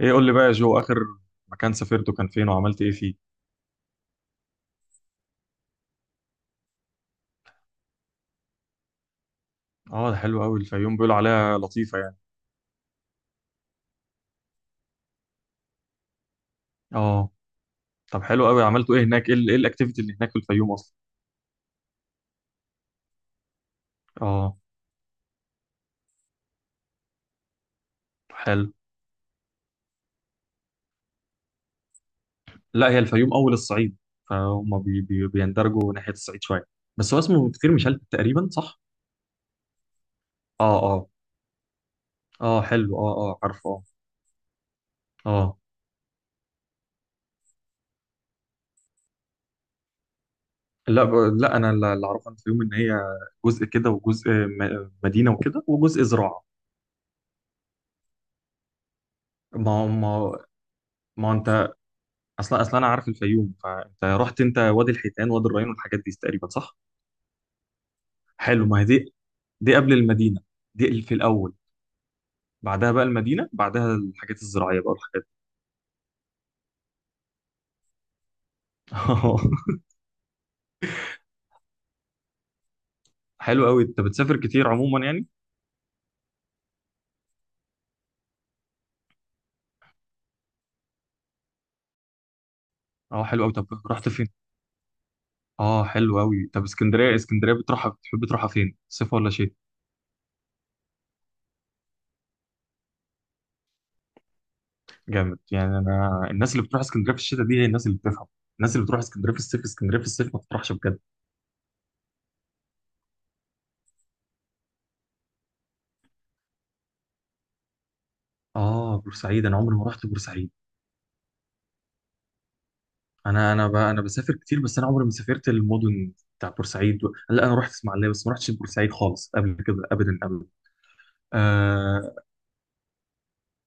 ايه، قول لي بقى يا جو، اخر مكان سافرته كان فين وعملت ايه فيه؟ اه، ده حلو قوي. الفيوم بيقولوا عليها لطيفه يعني. اه. طب حلو قوي، عملتوا ايه هناك؟ ايه ال- إيه الاكتيفيتي اللي هناك في الفيوم اصلا؟ اه حلو. لا، هي الفيوم اول الصعيد، فهم بي بي بيندرجوا ناحيه الصعيد شويه. بس هو اسمه كتير مشلت تقريبا، صح؟ اه اه. اه حلو، اه اه عارف، اه اه. لا ب- لا، انا اللي اعرفه عن الفيوم ان هي جزء كده، وجزء مدينه وكده، وجزء زراعه. ما ما ما انت اصلا انا عارف الفيوم، فانت رحت انت وادي الحيتان، وادي الريان والحاجات دي تقريبا، صح؟ حلو. ما هي دي، دي قبل المدينه، دي في الاول. بعدها بقى المدينه، بعدها الحاجات الزراعيه بقى والحاجات دي. حلو قوي، انت بتسافر كتير عموما يعني؟ اه حلو قوي، طب رحت فين؟ اه حلو قوي، طب اسكندريه، اسكندريه بتروحها، بتحب تروحها فين، صيف ولا شتاء؟ جامد. يعني انا الناس اللي بتروح اسكندريه في الشتاء دي هي الناس اللي بتفهم. الناس اللي بتروح اسكندريه في الصيف، اسكندريه في الصيف ما بتروحش بجد. اه. بورسعيد انا عمري ما رحت بورسعيد. انا بسافر كتير، بس انا عمري ما سافرت المدن لا، انا رحت اسماعيليه، بس ما رحتش بورسعيد خالص قبل كده، ابدا ابدا. آه...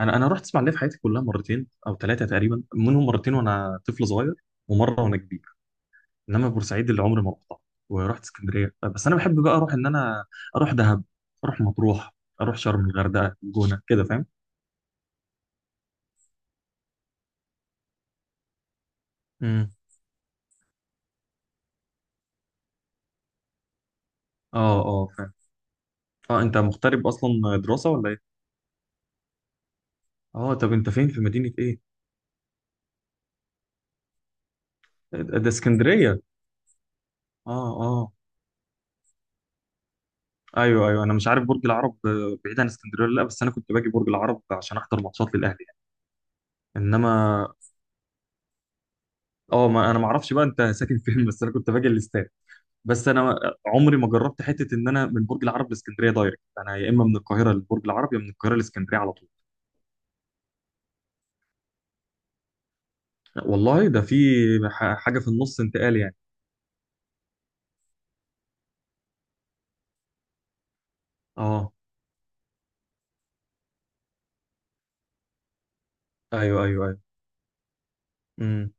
انا رحت اسماعيليه في حياتي كلها مرتين او ثلاثه تقريبا، منهم مرتين وانا طفل صغير، ومره وانا كبير. انما بورسعيد اللي عمري ما رحتها. ورحت اسكندريه، بس انا بحب بقى اروح، ان انا اروح دهب، اروح مطروح، اروح شرم، الغردقه، الجونه كده، فاهم؟ امم اه اه فاهم. اه انت مغترب اصلا، دراسه ولا ايه؟ اه. طب انت فين، في مدينه ايه؟ ده اسكندريه. اه. آه. ايوه ايوه، انا مش عارف برج العرب بعيد عن اسكندريه ولا لا، بس انا كنت باجي برج العرب عشان احضر ماتشات للاهلي يعني. انما اه، ما انا ما اعرفش بقى انت ساكن فين، بس انا كنت باجي الاستاد. بس انا عمري ما جربت حته ان انا من برج العرب لاسكندريه دايركت، انا يا اما من القاهره لبرج العرب، يا من القاهره لاسكندريه على طول. والله ده في حاجه في النص، انتقال يعني. اه ايوه ايوه ايوه. امم.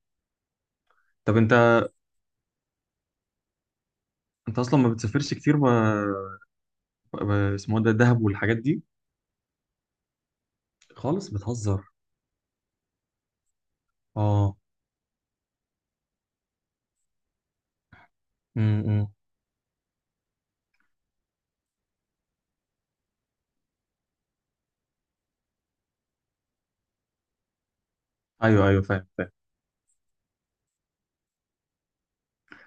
طب انت اصلا ما بتسافرش كتير ب... اسمه ده دهب والحاجات دي؟ خالص بتهزر. اه. امم امم. ايوه ايوه فاهم.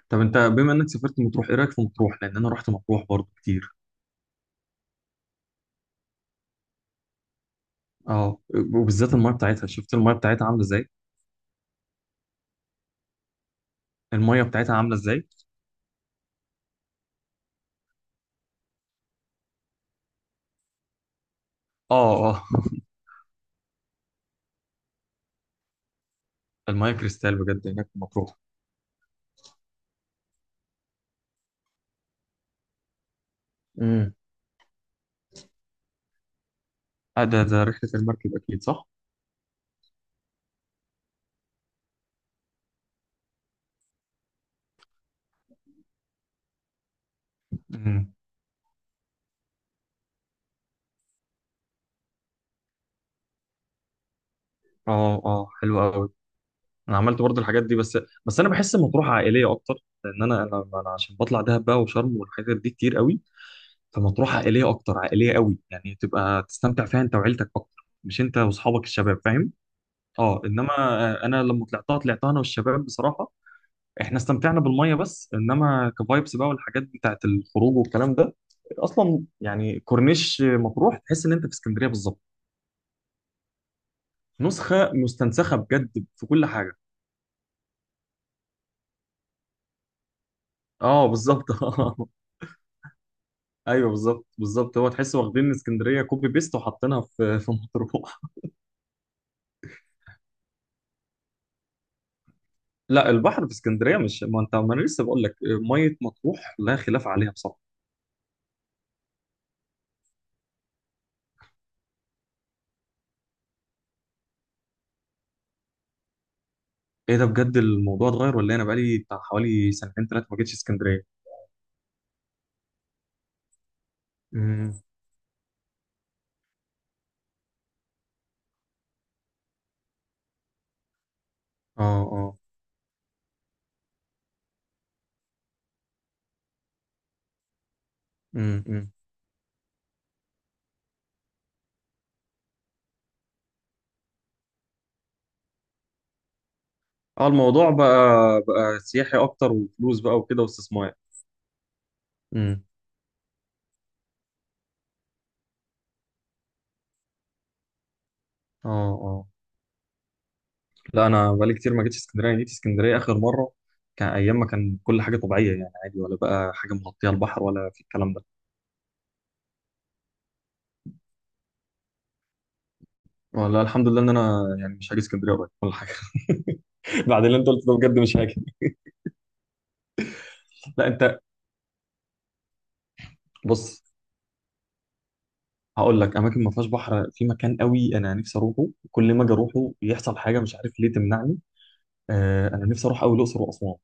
طب انت بما انك سافرت مطروح، ايه رايك في مطروح؟ لان انا رحت مطروح برضو كتير. اه، وبالذات المايه بتاعتها، شفت المايه بتاعتها عامله ازاي؟ المايه بتاعتها عامله ازاي؟ اه اه. المايه كريستال بجد هناك في مطروح. امم. آه، ده رحله المركب اكيد، صح؟ امم. اه اه حلو قوي. انا عملت برضو الحاجات دي بس، بس انا بحس مطروح عائليه اكتر، لان انا انا عشان بطلع دهب بقى وشرم والحاجات دي كتير قوي. فمطروح عائليه اكتر، عائليه قوي، يعني تبقى تستمتع فيها انت وعيلتك اكتر، مش انت واصحابك الشباب، فاهم؟ اه انما انا لما طلعتها، طلعتها انا والشباب بصراحه، احنا استمتعنا بالميه، بس انما كفايبس بقى والحاجات بتاعت الخروج والكلام ده اصلا، يعني كورنيش مطروح تحس ان انت في اسكندريه بالظبط. نسخه مستنسخه بجد في كل حاجه. اه بالظبط. ايوه بالظبط بالظبط، هو تحس واخدين اسكندريه كوبي بيست وحاطينها في مطروح. لا، البحر في اسكندريه مش، ما انت ما انا لسه بقول لك، ميه مطروح لا خلاف عليها بصراحه. ايه ده بجد، الموضوع اتغير ولا إيه؟ انا بقالي بتاع حوالي سنتين ثلاثه ما جيتش اسكندريه. امم اه اه. أمم. اه، الموضوع بقى سياحي اكتر وفلوس بقى وكده واستثمار. امم اه اه. لا، انا بقالي كتير ما جيتش اسكندريه. جيت اسكندريه اخر مره كان ايام ما كان كل حاجه طبيعيه، يعني عادي، ولا بقى حاجه مغطيه البحر ولا في الكلام ده. ولا الحمد لله ان انا يعني مش هاجي اسكندريه قريب ولا حاجه. بعد اللي انت قلته ده بجد مش هاجي. لا انت، بص هقول لك اماكن ما فيهاش بحر، في مكان قوي انا نفسي اروحه، كل ما اجي اروحه يحصل حاجه مش عارف ليه تمنعني. آه، انا نفسي اروح قوي الاقصر واسوان.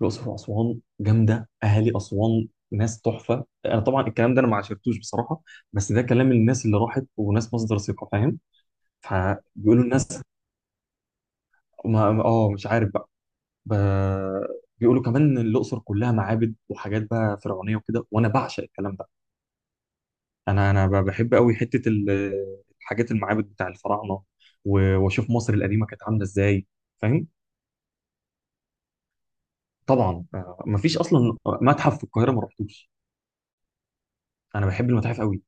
الاقصر واسوان جامده، اهالي اسوان ناس تحفه. انا طبعا الكلام ده انا ما عشرتوش بصراحه، بس ده كلام الناس اللي راحت وناس مصدر ثقه، فاهم؟ فبيقولوا الناس، اه مش عارف بقى. ب... بيقولوا كمان ان الاقصر كلها معابد وحاجات بقى فرعونيه وكده، وانا بعشق الكلام ده. بحب قوي حته الحاجات، المعابد بتاع الفراعنه، واشوف مصر القديمه كانت عامله ازاي، فاهم؟ طبعا، مفيش اصلا متحف في القاهره ما رحتوش. انا بحب المتاحف قوي.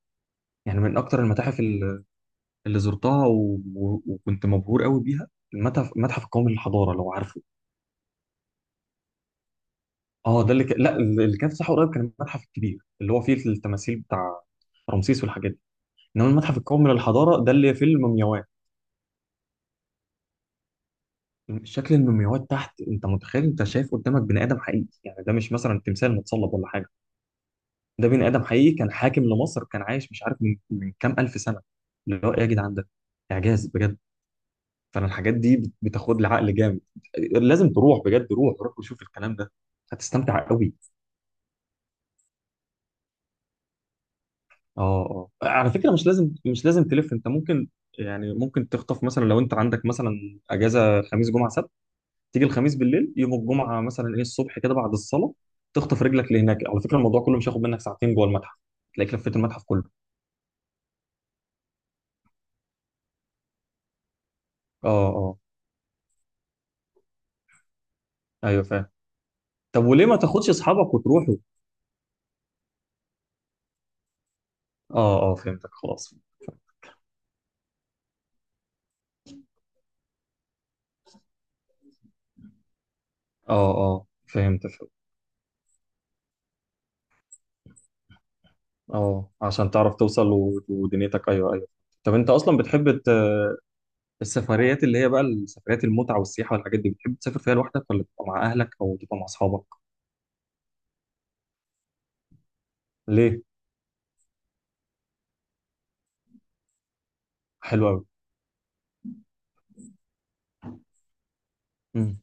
يعني من اكتر المتاحف اللي زرتها وكنت مبهور قوي بيها، المتحف القومي للحضاره، لو عارفه. اه، ده اللي لا، اللي كان في ساحه قريب كان المتحف الكبير، اللي هو فيه التماثيل بتاع رمسيس والحاجات دي. انما المتحف القومي للحضاره ده اللي فيه المومياوات. شكل المومياوات تحت، انت متخيل انت شايف قدامك بني ادم حقيقي، يعني ده مش مثلا تمثال متصلب ولا حاجه، ده بني ادم حقيقي كان حاكم لمصر، كان عايش مش عارف من كام الف سنه. اللي هو ايه يا جدعان ده، اعجاز بجد. فانا الحاجات دي بتاخد لي عقل جامد. لازم تروح بجد، روح روح وشوف الكلام ده، هتستمتع قوي. اه اه. على فكره مش لازم، مش لازم تلف انت، ممكن يعني ممكن تخطف، مثلا لو انت عندك مثلا اجازه خميس جمعه سبت، تيجي الخميس بالليل، يوم الجمعه مثلا ايه الصبح كده بعد الصلاه تخطف رجلك لهناك. على فكره الموضوع كله مش هياخد منك ساعتين جوه المتحف، تلاقيك لفيت المتحف كله. اه اه. ايوه فاهم. طب وليه ما تاخدش اصحابك وتروحوا؟ اه اه فهمتك، خلاص. اه اه فهمت. اه، عشان تعرف توصل ودنيتك، ايوه ايوه. طب انت اصلا بتحب السفريات، اللي هي بقى السفريات المتعه والسياحه والحاجات دي، بتحب تسافر فيها لوحدك ولا تبقى مع اهلك او تبقى مع اصحابك؟ ليه؟ حلو قوي. امم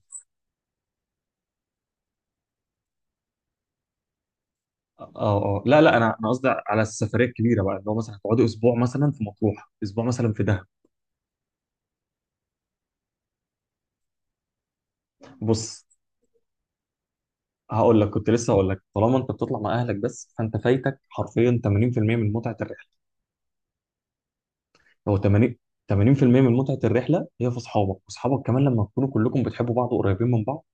اه اه. لا لا، انا قصدي على السفريه الكبيره بقى، اللي هو مثلا هتقعدوا اسبوع مثلا في مطروح، اسبوع مثلا في دهب. بص، هقول لك، كنت لسه هقول لك، طالما انت بتطلع مع اهلك بس فانت فايتك حرفيا 80% من متعه الرحله. هو 80، 80% من متعة الرحلة هي في أصحابك، وأصحابك كمان لما تكونوا كلكم بتحبوا بعض وقريبين من بعض،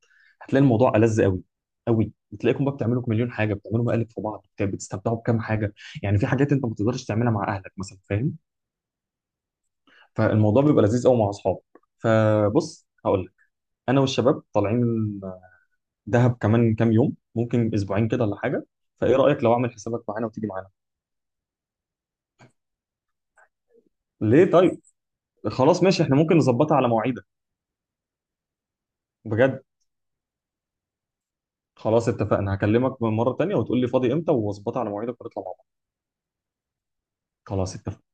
هتلاقي الموضوع ألذ قوي، قوي، بتلاقيكم بقى بتعملوا مليون حاجة، بتعملوا مقالب في بعض، بتستمتعوا بكام حاجة، يعني في حاجات أنت ما بتقدرش تعملها مع أهلك مثلا، فاهم؟ فالموضوع بيبقى لذيذ قوي مع أصحابك. فبص هقول لك، أنا والشباب طالعين دهب كمان كام يوم، ممكن أسبوعين كده ولا حاجة، فإيه رأيك لو أعمل حسابك معانا وتيجي معانا؟ ليه طيب؟ خلاص ماشي، إحنا ممكن نظبطها على مواعيدك. بجد. خلاص اتفقنا، هكلمك مرة تانية وتقول لي فاضي امتى واظبطها على مواعيدك ونطلع مع بعض. خلاص اتفقنا.